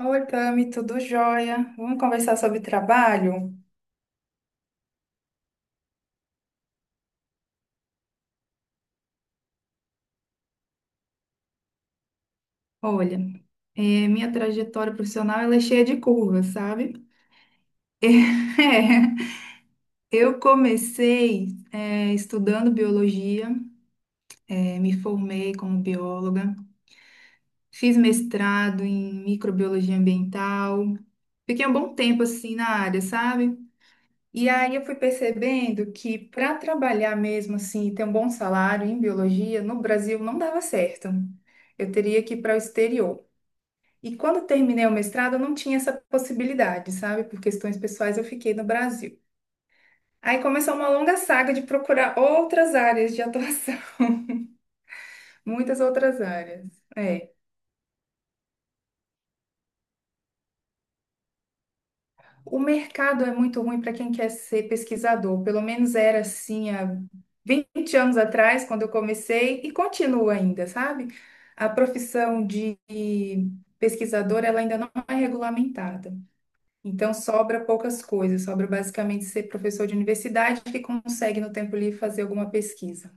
Oi, Tami, tudo jóia? Vamos conversar sobre trabalho? Olha, minha trajetória profissional ela é cheia de curvas, sabe? É, eu comecei, estudando biologia, me formei como bióloga, fiz mestrado em microbiologia ambiental, fiquei um bom tempo assim na área, sabe? E aí eu fui percebendo que para trabalhar mesmo assim, e ter um bom salário em biologia, no Brasil não dava certo. Eu teria que ir para o exterior. E quando terminei o mestrado, eu não tinha essa possibilidade, sabe? Por questões pessoais, eu fiquei no Brasil. Aí começou uma longa saga de procurar outras áreas de atuação, muitas outras áreas. É. O mercado é muito ruim para quem quer ser pesquisador, pelo menos era assim há 20 anos atrás, quando eu comecei, e continua ainda, sabe? A profissão de pesquisador, ela ainda não é regulamentada. Então, sobra poucas coisas, sobra basicamente ser professor de universidade que consegue, no tempo livre, fazer alguma pesquisa.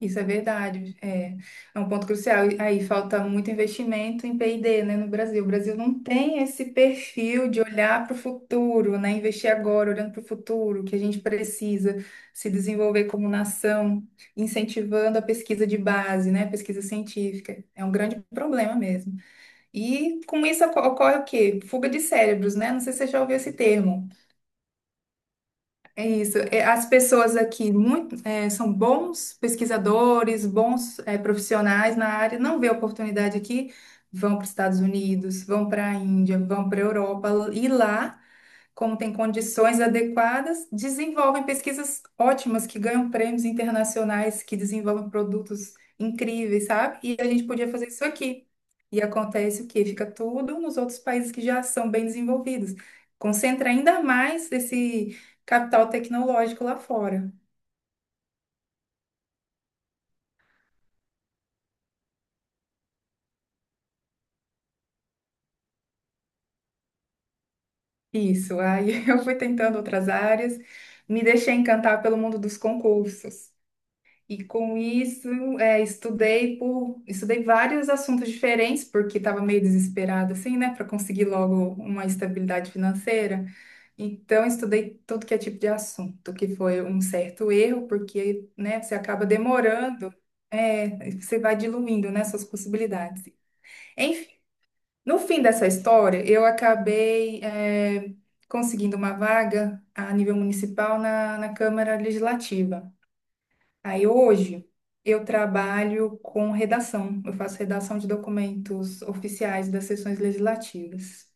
Isso é verdade, é um ponto crucial. E aí falta muito investimento em P&D, né, no Brasil. O Brasil não tem esse perfil de olhar para o futuro, né, investir agora, olhando para o futuro, que a gente precisa se desenvolver como nação, incentivando a pesquisa de base, né, pesquisa científica. É um grande problema mesmo. E com isso ocorre o quê? Fuga de cérebros, né? Não sei se você já ouviu esse termo. É isso. É, as pessoas aqui muito, são bons pesquisadores, bons, profissionais na área, não vê oportunidade aqui, vão para os Estados Unidos, vão para a Índia, vão para a Europa, e lá como têm condições adequadas, desenvolvem pesquisas ótimas que ganham prêmios internacionais, que desenvolvem produtos incríveis, sabe? E a gente podia fazer isso aqui. E acontece o quê? Fica tudo nos outros países que já são bem desenvolvidos. Concentra ainda mais esse capital tecnológico lá fora. Isso. Aí eu fui tentando outras áreas, me deixei encantar pelo mundo dos concursos. E com isso, estudei vários assuntos diferentes, porque estava meio desesperada, assim, né, para conseguir logo uma estabilidade financeira. Então, estudei tudo que é tipo de assunto, que foi um certo erro, porque, né, você acaba demorando, você vai diluindo, né, suas possibilidades. Enfim, no fim dessa história, eu acabei, conseguindo uma vaga a nível municipal na Câmara Legislativa. Aí hoje eu trabalho com redação. Eu faço redação de documentos oficiais das sessões legislativas.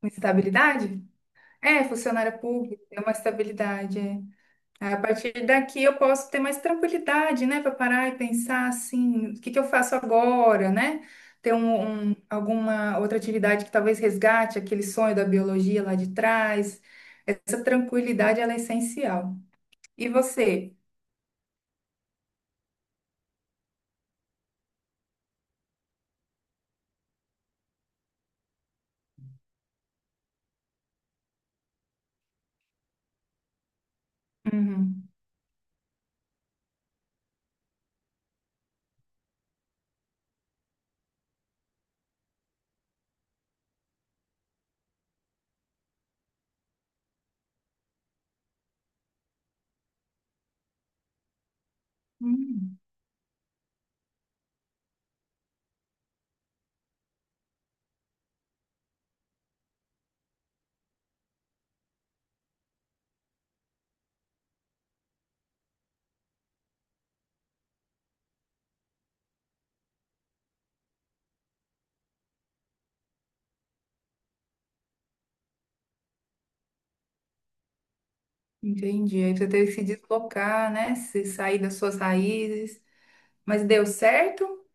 Com estabilidade? É, funcionária pública, é uma estabilidade. É. Aí, a partir daqui eu posso ter mais tranquilidade, né, para parar e pensar assim, o que que eu faço agora, né? Ter alguma outra atividade que talvez resgate aquele sonho da biologia lá de trás. Essa tranquilidade, ela é essencial. E você? Uhum. Hum. Entendi. Aí você teve que se deslocar, né? Se sair das suas raízes. Mas deu certo?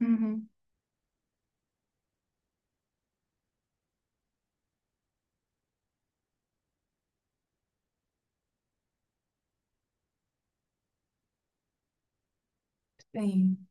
Uhum. Sim,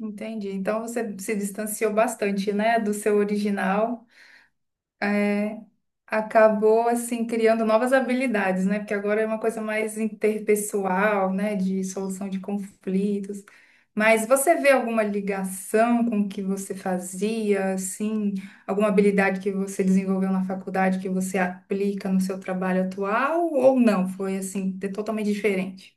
entendi. Então você se distanciou bastante, né, do seu original. É, acabou assim criando novas habilidades, né? Porque agora é uma coisa mais interpessoal, né, de solução de conflitos. Mas você vê alguma ligação com o que você fazia, assim, alguma habilidade que você desenvolveu na faculdade que você aplica no seu trabalho atual ou não? Foi assim, totalmente diferente.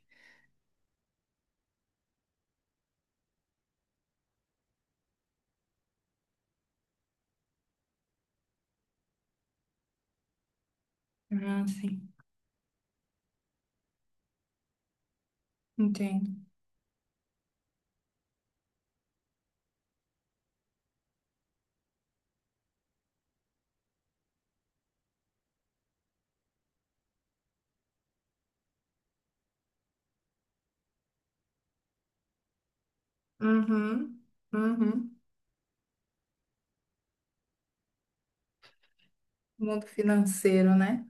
Ah, sim, entendo. Uhum, uhum. Mundo financeiro, né?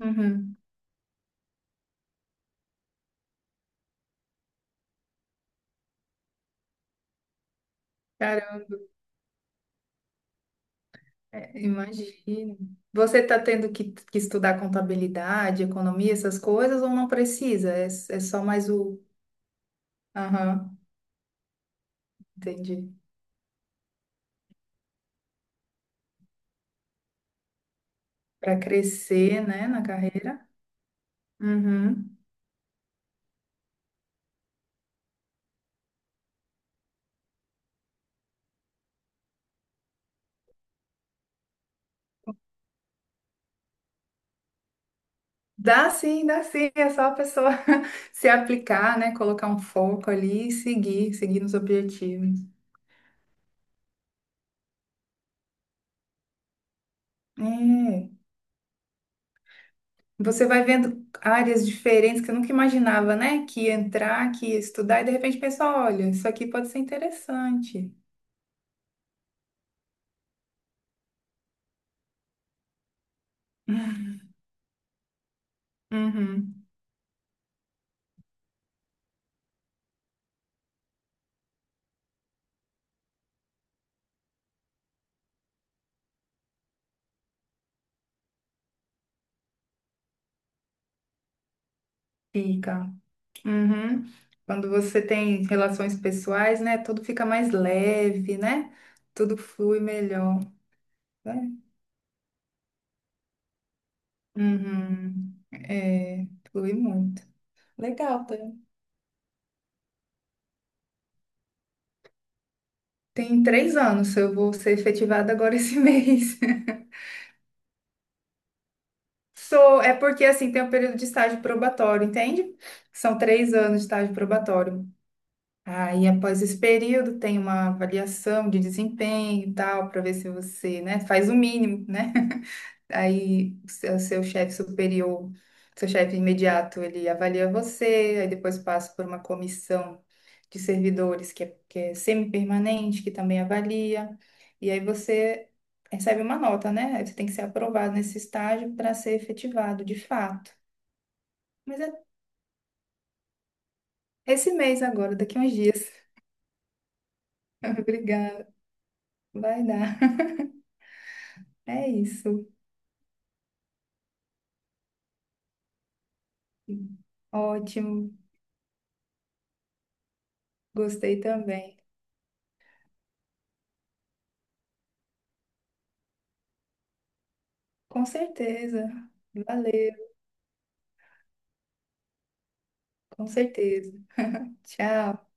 Uhum. É, imagino. Você está tendo que estudar contabilidade, economia, essas coisas, ou não precisa? É, é só mais o. Aham, entendi. Para crescer, né, na carreira. Uhum. Dá sim, dá sim. É só a pessoa se aplicar, né, colocar um foco ali e seguir, seguir nos objetivos. É. Você vai vendo áreas diferentes que eu nunca imaginava, né, que ia entrar, que ia estudar, e de repente pensa: olha, isso aqui pode ser interessante. Uhum. Fica. Uhum. Quando você tem relações pessoais, né? Tudo fica mais leve, né? Tudo flui melhor, né? Uhum. É, flui muito. Legal, tá? Tem 3 anos, eu vou ser efetivada agora esse mês. Sou, é porque assim tem um período de estágio probatório, entende? São 3 anos de estágio probatório. Aí, após esse período, tem uma avaliação de desempenho e tal, para ver se você, né, faz o mínimo, né? Aí seu chefe superior, seu chefe imediato, ele avalia você, aí depois passa por uma comissão de servidores que é semi-permanente, que também avalia, e aí você recebe uma nota, né? Aí você tem que ser aprovado nesse estágio para ser efetivado de fato. Mas é esse mês agora, daqui a uns dias. Obrigada. Vai dar. É isso. Ótimo. Gostei também. Com certeza. Valeu. Com certeza. Tchau.